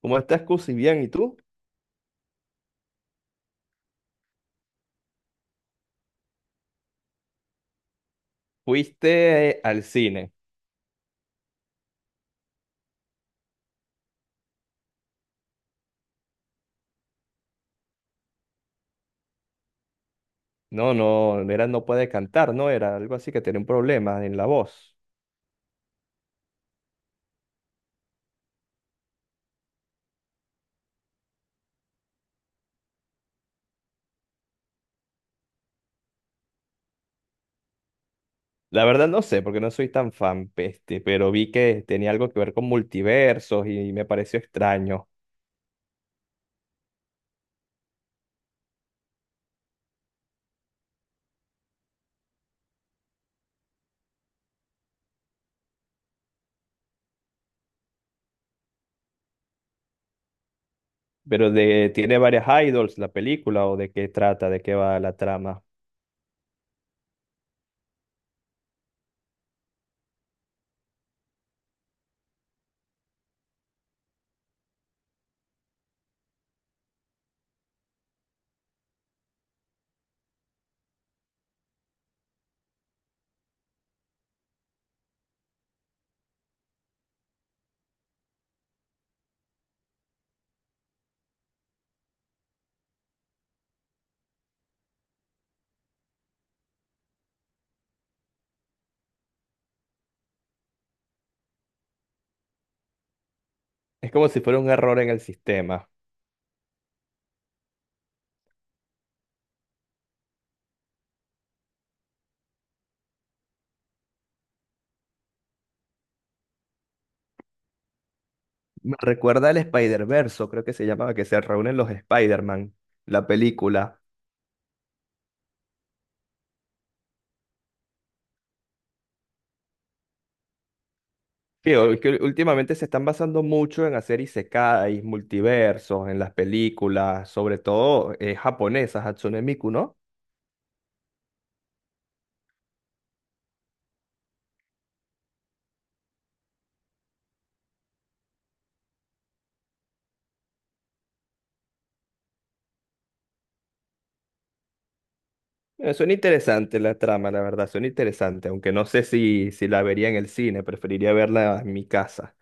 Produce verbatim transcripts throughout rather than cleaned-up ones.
¿Cómo estás, Cusi? Bien, ¿y tú? Fuiste eh, al cine. No, no, era no puede cantar, ¿no? Era algo así que tenía un problema en la voz. La verdad no sé, porque no soy tan fan, peste, pero vi que tenía algo que ver con multiversos y me pareció extraño. Pero de, tiene varias idols la película, o de qué trata, de qué va la trama. Es como si fuera un error en el sistema. Me recuerda al Spider-Verse, creo que se llamaba, que se reúnen los Spider-Man, la película. Sí, o- que últimamente se están basando mucho en hacer isekais, multiversos, en las películas, sobre todo eh, japonesas, Hatsune Miku, ¿no? Eh, suena interesante la trama, la verdad, suena interesante, aunque no sé si, si la vería en el cine, preferiría verla en mi casa.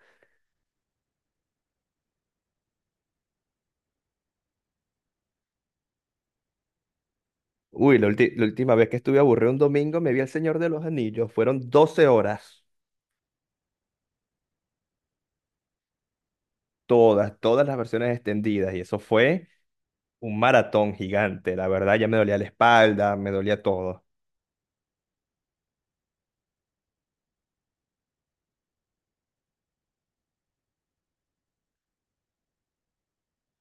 Uy, la, ulti- la última vez que estuve aburrido un domingo me vi El Señor de los Anillos, fueron doce horas, todas, todas las versiones extendidas, y eso fue un maratón gigante. La verdad, ya me dolía la espalda, me dolía todo.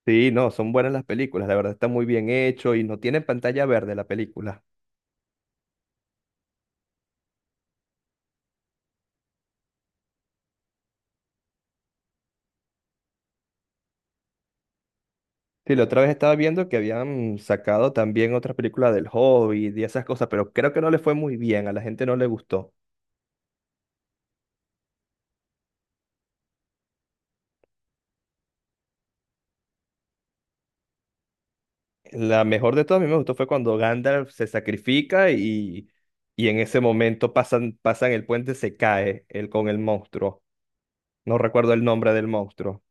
Sí, no, son buenas las películas, la verdad está muy bien hecho y no tiene pantalla verde la película. Sí, la otra vez estaba viendo que habían sacado también otra película del Hobbit y esas cosas, pero creo que no le fue muy bien, a la gente no le gustó. La mejor de todas, a mí me gustó fue cuando Gandalf se sacrifica y, y en ese momento pasan, pasan el puente, se cae él con el monstruo. No recuerdo el nombre del monstruo.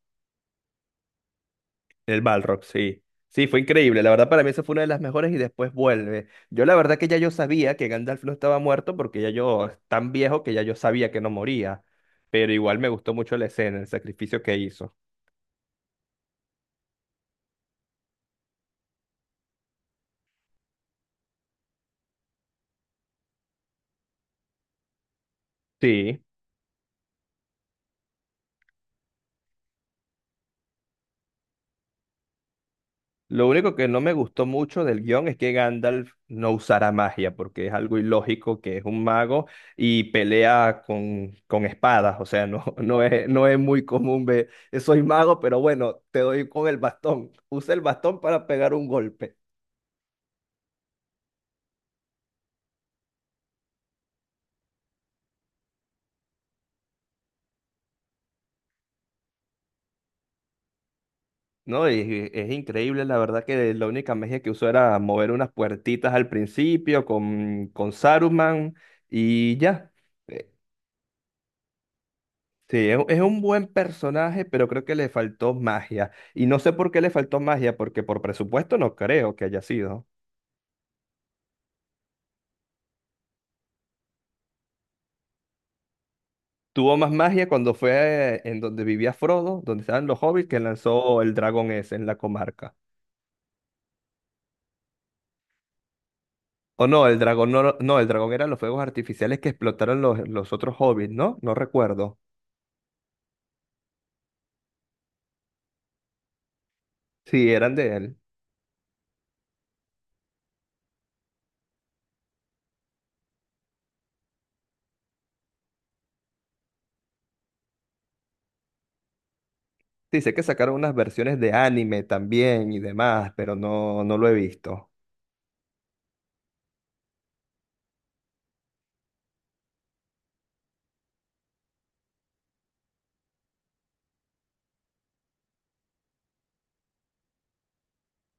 El Balrog, sí. Sí, fue increíble. La verdad, para mí esa fue una de las mejores y después vuelve. Yo la verdad que ya yo sabía que Gandalf no estaba muerto porque ya yo, es tan viejo que ya yo sabía que no moría. Pero igual me gustó mucho la escena, el sacrificio que hizo. Sí. Lo único que no me gustó mucho del guión es que Gandalf no usara magia, porque es algo ilógico que es un mago y pelea con, con espadas. O sea, no, no es, no es muy común ver, "Eh, soy mago, pero bueno, te doy con el bastón. Usa el bastón para pegar un golpe." No, y es increíble, la verdad que la única magia que usó era mover unas puertitas al principio con, con Saruman y ya. Eh, Sí, es, es un buen personaje, pero creo que le faltó magia. Y no sé por qué le faltó magia, porque por presupuesto no creo que haya sido. Tuvo más magia cuando fue eh, en donde vivía Frodo, donde estaban los hobbits, que lanzó el dragón ese en la comarca. O no, el dragón no, no, el dragón eran los fuegos artificiales que explotaron los, los otros hobbits, ¿no? No recuerdo. Sí, eran de él. Sí, sé que sacaron unas versiones de anime también y demás, pero no, no lo he visto.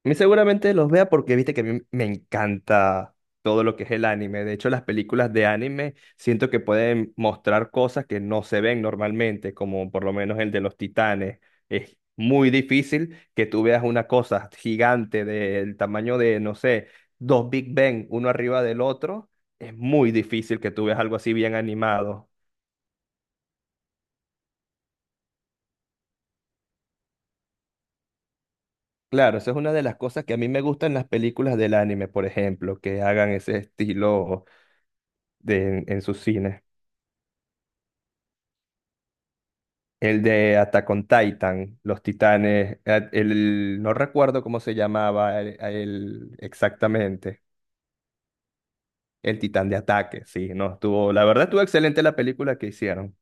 A mí seguramente los vea porque viste que a mí me encanta todo lo que es el anime. De hecho, las películas de anime siento que pueden mostrar cosas que no se ven normalmente, como por lo menos el de los titanes. Es muy difícil que tú veas una cosa gigante del tamaño de, no sé, dos Big Bang, uno arriba del otro. Es muy difícil que tú veas algo así bien animado. Claro, esa es una de las cosas que a mí me gustan las películas del anime, por ejemplo, que hagan ese estilo de, en, en sus cines. El de Attack on Titan, Los Titanes, eh, el, no recuerdo cómo se llamaba el, el- exactamente, el Titán de Ataque, sí, no, estuvo, la verdad estuvo excelente la película que hicieron.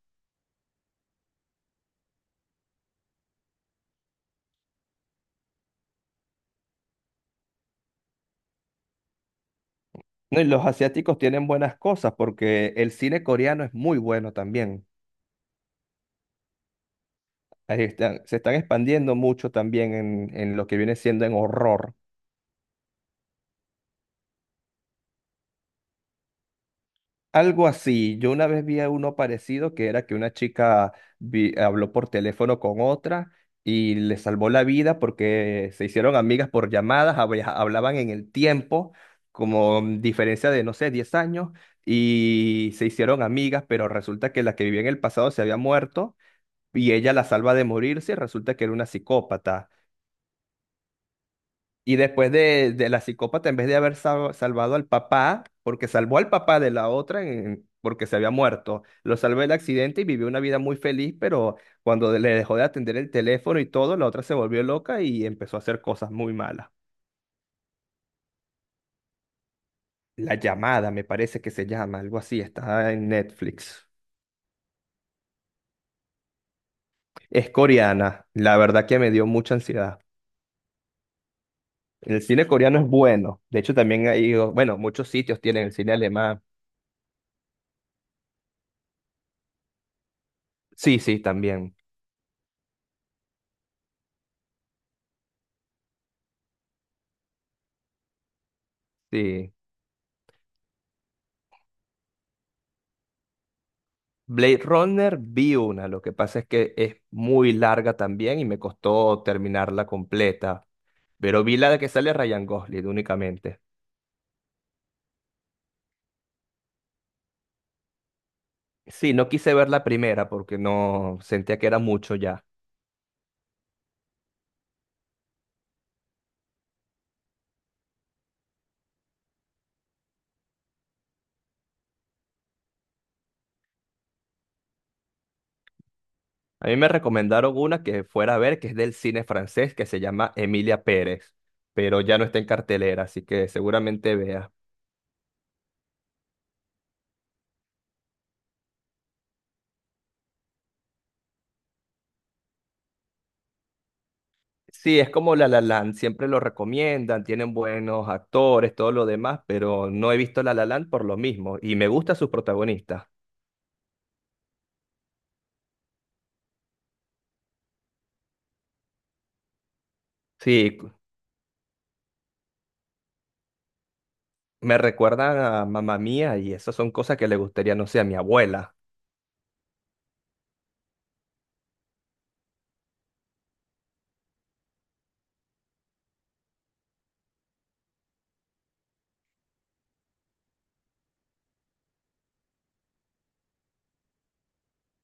No, y los asiáticos tienen buenas cosas porque el cine coreano es muy bueno también. Ahí están- se están expandiendo mucho también en, en lo que viene siendo en horror. Algo así. Yo una vez vi a uno parecido que era que una chica vi- habló por teléfono con otra y le salvó la vida porque se hicieron amigas por llamadas, habla- hablaban en el tiempo, como diferencia de, no sé, diez años, y se hicieron amigas, pero resulta que la que vivía en el pasado se había muerto y ella la salva de morirse y resulta que era una psicópata. Y después de, de la psicópata, en vez de haber sal- salvado al papá, porque salvó al papá de la otra en- porque se había muerto, lo salvó del accidente y vivió una vida muy feliz, pero cuando le dejó de atender el teléfono y todo, la otra se volvió loca y empezó a hacer cosas muy malas. La llamada, me parece que se llama, algo así, está en Netflix. Es coreana, la verdad que me dio mucha ansiedad. El cine coreano es bueno, de hecho también hay, bueno, muchos sitios tienen el cine alemán. Sí, sí, también. Sí. Blade Runner vi una, lo que pasa es que es muy larga también y me costó terminarla completa, pero vi la de que sale Ryan Gosling únicamente. Sí, no quise ver la primera porque no sentía que era mucho ya. A mí me recomendaron una que fuera a ver, que es del cine francés, que se llama Emilia Pérez, pero ya no está en cartelera, así que seguramente vea. Sí, es como La La Land, siempre lo recomiendan, tienen buenos actores, todo lo demás, pero no he visto La La Land por lo mismo y me gustan sus protagonistas. Sí, cu- Me recuerdan a Mamá Mía y esas son cosas que le gustaría, no sé, a mi abuela.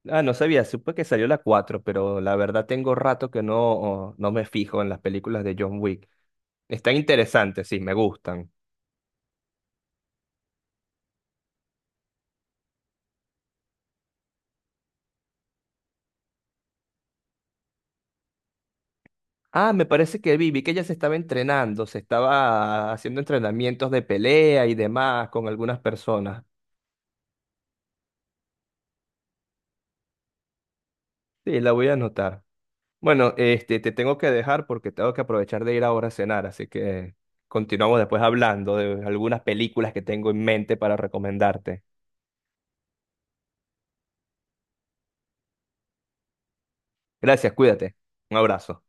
Ah, no sabía, supe que salió la cuatro, pero la verdad tengo rato que no, no me fijo en las películas de John Wick. Están interesantes, sí, me gustan. Ah, me parece que vi, vi que ella se estaba entrenando, se estaba haciendo entrenamientos de pelea y demás con algunas personas. Sí, la voy a anotar. Bueno, este, te tengo que dejar porque tengo que aprovechar de ir ahora a cenar, así que continuamos después hablando de algunas películas que tengo en mente para recomendarte. Gracias, cuídate. Un abrazo.